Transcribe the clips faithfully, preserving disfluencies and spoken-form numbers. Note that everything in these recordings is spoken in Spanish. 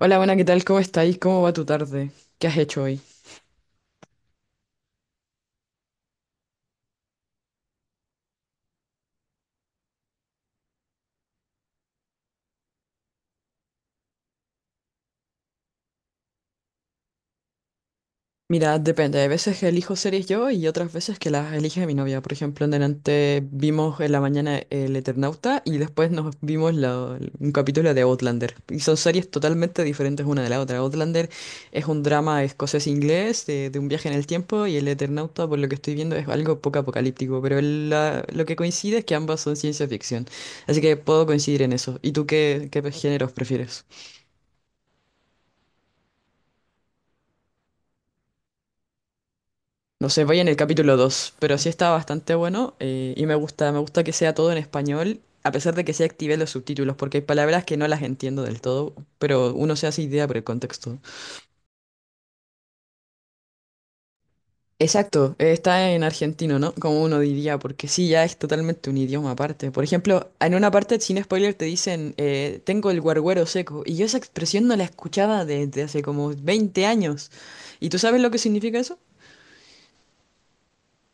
Hola, buena, ¿qué tal? ¿Cómo estáis? ¿Cómo va tu tarde? ¿Qué has hecho hoy? Mira, depende. Hay veces que elijo series yo y otras veces que las elige mi novia. Por ejemplo, en delante vimos en la mañana El Eternauta y después nos vimos la- un capítulo de Outlander. Y son series totalmente diferentes una de la otra. Outlander es un drama escocés-inglés de, de un viaje en el tiempo y El Eternauta, por lo que estoy viendo, es algo poco apocalíptico. Pero el- la- lo que coincide es que ambas son ciencia ficción. Así que puedo coincidir en eso. ¿Y tú qué, qué géneros prefieres? No sé, voy en el capítulo dos, pero sí está bastante bueno eh, y me gusta, me gusta que sea todo en español, a pesar de que sí activé los subtítulos, porque hay palabras que no las entiendo del todo, pero uno se hace idea por el contexto. Exacto, eh, está en argentino, ¿no? Como uno diría, porque sí, ya es totalmente un idioma aparte. Por ejemplo, en una parte, sin spoiler, te dicen, eh, tengo el guarguero seco, y yo esa expresión no la escuchaba desde hace como veinte años. ¿Y tú sabes lo que significa eso?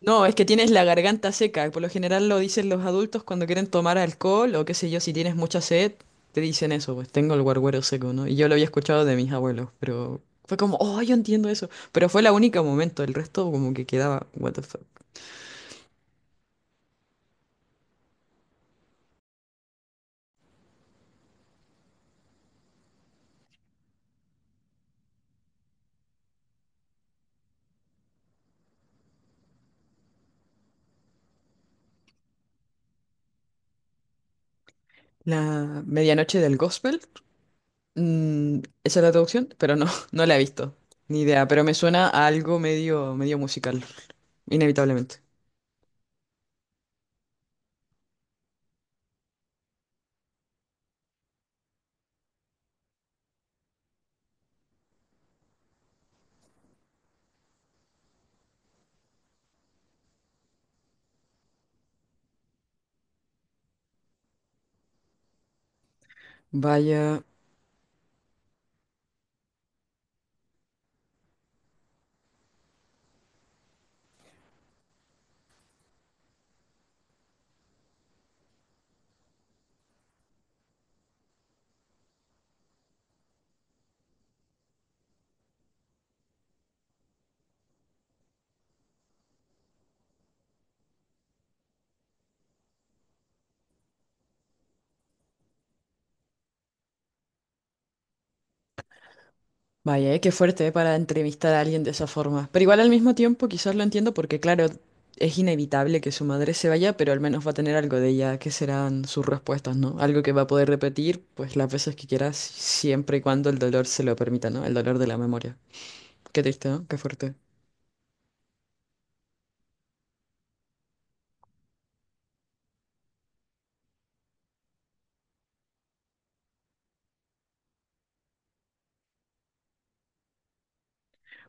No, es que tienes la garganta seca. Por lo general lo dicen los adultos cuando quieren tomar alcohol o qué sé yo, si tienes mucha sed, te dicen eso, pues tengo el guarguero seco, ¿no? Y yo lo había escuchado de mis abuelos, pero fue como, oh, yo entiendo eso. Pero fue la única momento, el resto como que quedaba, what the fuck. La medianoche del gospel, mm, esa es la traducción, pero no, no la he visto. Ni idea, pero me suena a algo medio, medio musical, inevitablemente. Vaya. Vaya, eh, qué fuerte eh, para entrevistar a alguien de esa forma. Pero igual al mismo tiempo quizás lo entiendo porque claro, es inevitable que su madre se vaya, pero al menos va a tener algo de ella, que serán sus respuestas, ¿no? Algo que va a poder repetir pues las veces que quieras, siempre y cuando el dolor se lo permita, ¿no? El dolor de la memoria. Qué triste, ¿no? Qué fuerte.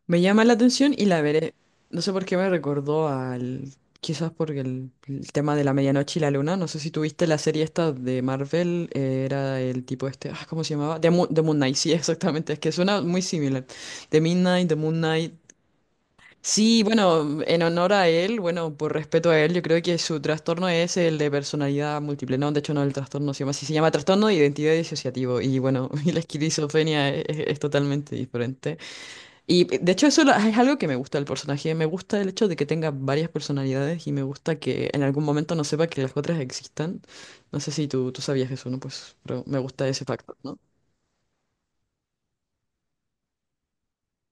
Me llama la atención y la veré. No sé por qué me recordó al... Quizás porque el, el tema de la medianoche y la luna. No sé si tuviste la serie esta de Marvel. Eh, era el tipo este... Ah, ¿cómo se llamaba? The, Mo- The Moon Knight. Sí, exactamente. Es que suena muy similar. The Midnight, The Moon Knight. Sí, bueno, en honor a él, bueno, por respeto a él, yo creo que su trastorno es el de personalidad múltiple. No, de hecho no, el trastorno se llama así. Se llama trastorno de identidad disociativo. Y bueno, y la esquizofrenia es es- es totalmente diferente. Y de hecho eso lo- es algo que me gusta del personaje, me gusta el hecho de que tenga varias personalidades y me gusta que en algún momento no sepa que las otras existan. No sé si tú, tú sabías eso, ¿no? Pues, pero me gusta ese factor, ¿no?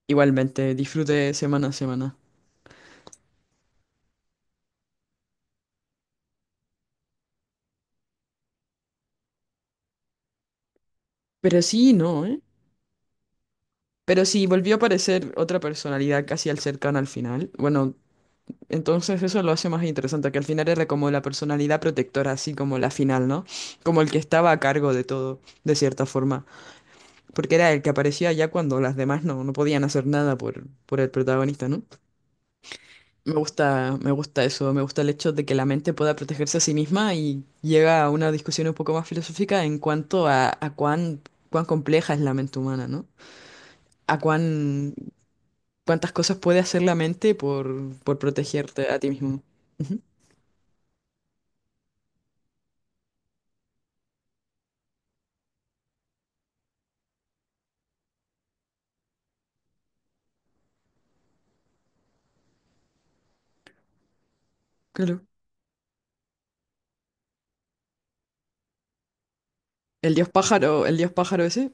Igualmente, disfrute semana a semana. Pero sí, no, ¿eh? Pero sí, volvió a aparecer otra personalidad casi al cercano al final. Bueno, entonces eso lo hace más interesante, que al final era como la personalidad protectora, así como la final, ¿no? Como el que estaba a cargo de todo, de cierta forma. Porque era el que aparecía ya cuando las demás no, no podían hacer nada por, por el protagonista, ¿no? Me gusta, me gusta eso, me gusta el hecho de que la mente pueda protegerse a sí misma y llega a una discusión un poco más filosófica en cuanto a, a cuán, cuán compleja es la mente humana, ¿no? A cuán, cuántas cosas puede hacer la mente por, por protegerte a ti mismo. Ujú, claro. El dios pájaro, el dios pájaro ese,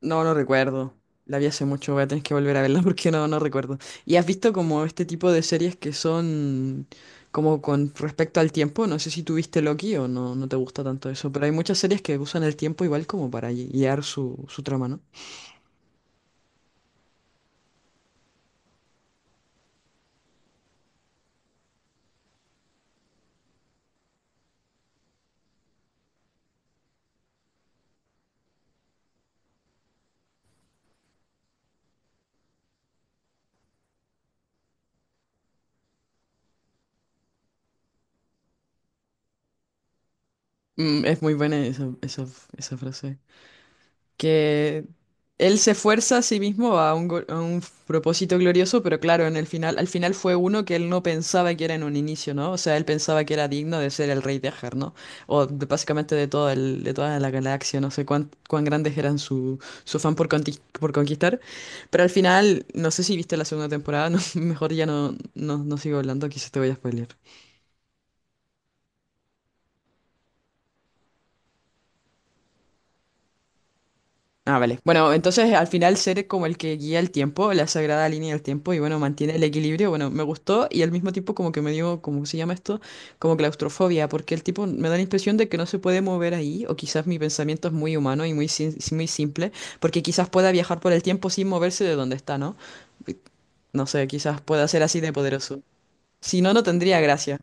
no, no recuerdo. La vi hace mucho, voy a tener que volver a verla porque no, no recuerdo. ¿Y has visto como este tipo de series que son como con respecto al tiempo? No sé si tuviste Loki o no, no te gusta tanto eso, pero hay muchas series que usan el tiempo igual como para gui- guiar su, su trama, ¿no? Mm, es muy buena esa, esa, esa frase. Que él se esfuerza a sí mismo a un, go- a un propósito glorioso, pero claro, en el final, al final fue uno que él no pensaba que era en un inicio, ¿no? O sea, él pensaba que era digno de ser el rey de Ajar, ¿no? O de- básicamente de todo el, de toda la galaxia, no sé cuán, cuán grandes eran su, su afán por, conti- por conquistar. Pero al final, no sé si viste la segunda temporada, no, mejor ya no, no, no sigo hablando, quizás te voy a spoilear. Ah, vale. Bueno, entonces al final ser como el que guía el tiempo, la sagrada línea del tiempo y bueno, mantiene el equilibrio, bueno, me gustó y al mismo tiempo como que me dio, ¿cómo se llama esto? Como claustrofobia, porque el tipo me da la impresión de que no se puede mover ahí o quizás mi pensamiento es muy humano y muy, sin- muy simple, porque quizás pueda viajar por el tiempo sin moverse de donde está, ¿no? No sé, quizás pueda ser así de poderoso. Si no, no tendría gracia.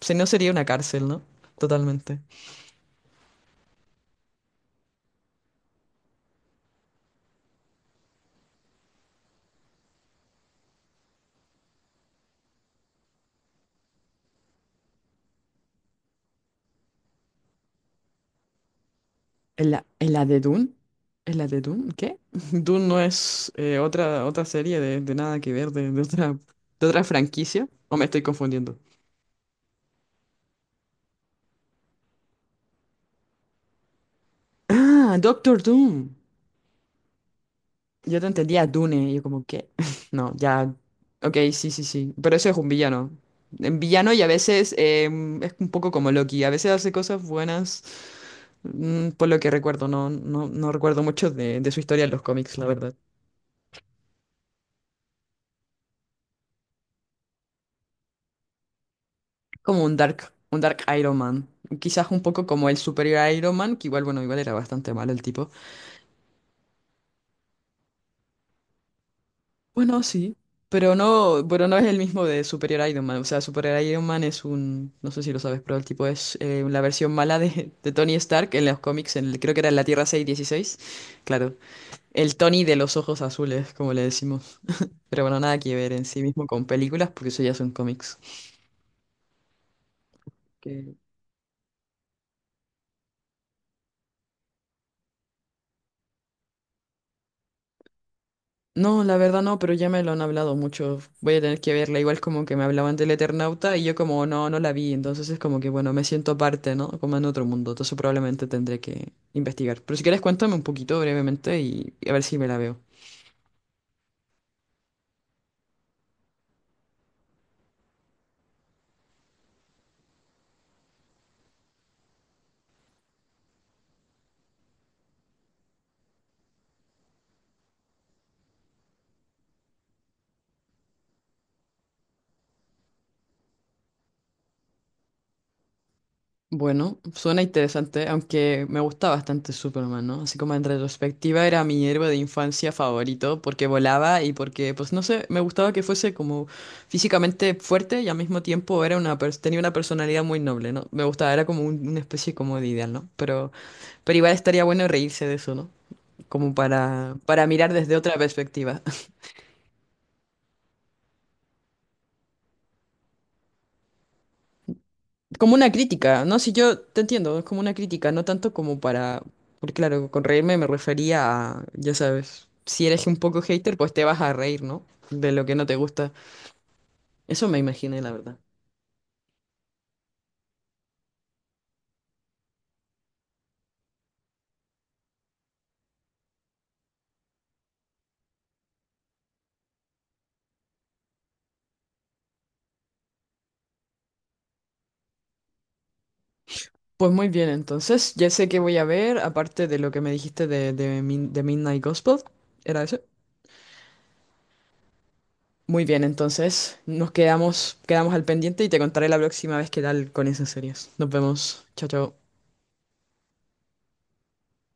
Si no, sería una cárcel, ¿no? Totalmente. ¿En la, en la de Dune? ¿En la de Dune? ¿Qué? Dune no es eh, otra, otra serie de, de nada que ver, de, de otra, de otra franquicia. ¿O me estoy confundiendo? Ah, Doctor Doom. Yo te entendía Dune, y yo como que... No, ya... Ok, sí, sí, sí. Pero eso es un villano. En villano y a veces em, es un poco como Loki. A veces hace cosas buenas, mm, por lo que recuerdo. No, no, no recuerdo mucho de, de su historia en los cómics, la verdad. Como un Dark, un Dark Iron Man. Quizás un poco como el superior Iron Man, que igual, bueno, igual era bastante malo el tipo. Bueno, sí. Pero no, pero no es el mismo de Superior Iron Man. O sea, Superior Iron Man es un, no sé si lo sabes, pero el tipo es eh, la versión mala de, de Tony Stark en los cómics, en el- creo que era en la Tierra seis uno seis. Claro, el Tony de los ojos azules, como le decimos. Pero bueno, nada que ver en sí mismo con películas, porque eso ya son cómics. No, la verdad no, pero ya me lo han hablado mucho. Voy a tener que verla, igual como que me hablaban del Eternauta y yo como no, no la vi, entonces es como que bueno, me siento aparte, ¿no? Como en otro mundo, entonces probablemente tendré que investigar. Pero si quieres cuéntame un poquito brevemente y y a ver si me la veo. Bueno, suena interesante, aunque me gusta bastante Superman, ¿no? Así como en retrospectiva era mi héroe de infancia favorito porque volaba y porque, pues no sé, me gustaba que fuese como físicamente fuerte y al mismo tiempo era una pers- tenía una personalidad muy noble, ¿no? Me gustaba, era como un- una especie como de ideal, ¿no? Pero, pero igual estaría bueno reírse de eso, ¿no? Como para, para mirar desde otra perspectiva. Como una crítica, ¿no? Si yo te entiendo, es como una crítica, no tanto como para, porque claro, con reírme me refería a, ya sabes, si eres un poco hater, pues te vas a reír, ¿no? De lo que no te gusta. Eso me imaginé, la verdad. Pues muy bien, entonces, ya sé qué voy a ver, aparte de lo que me dijiste de, de, Min- de Midnight Gospel, ¿era eso? Muy bien, entonces nos quedamos, quedamos al pendiente y te contaré la próxima vez qué tal con esas series. Nos vemos. Chao, chao.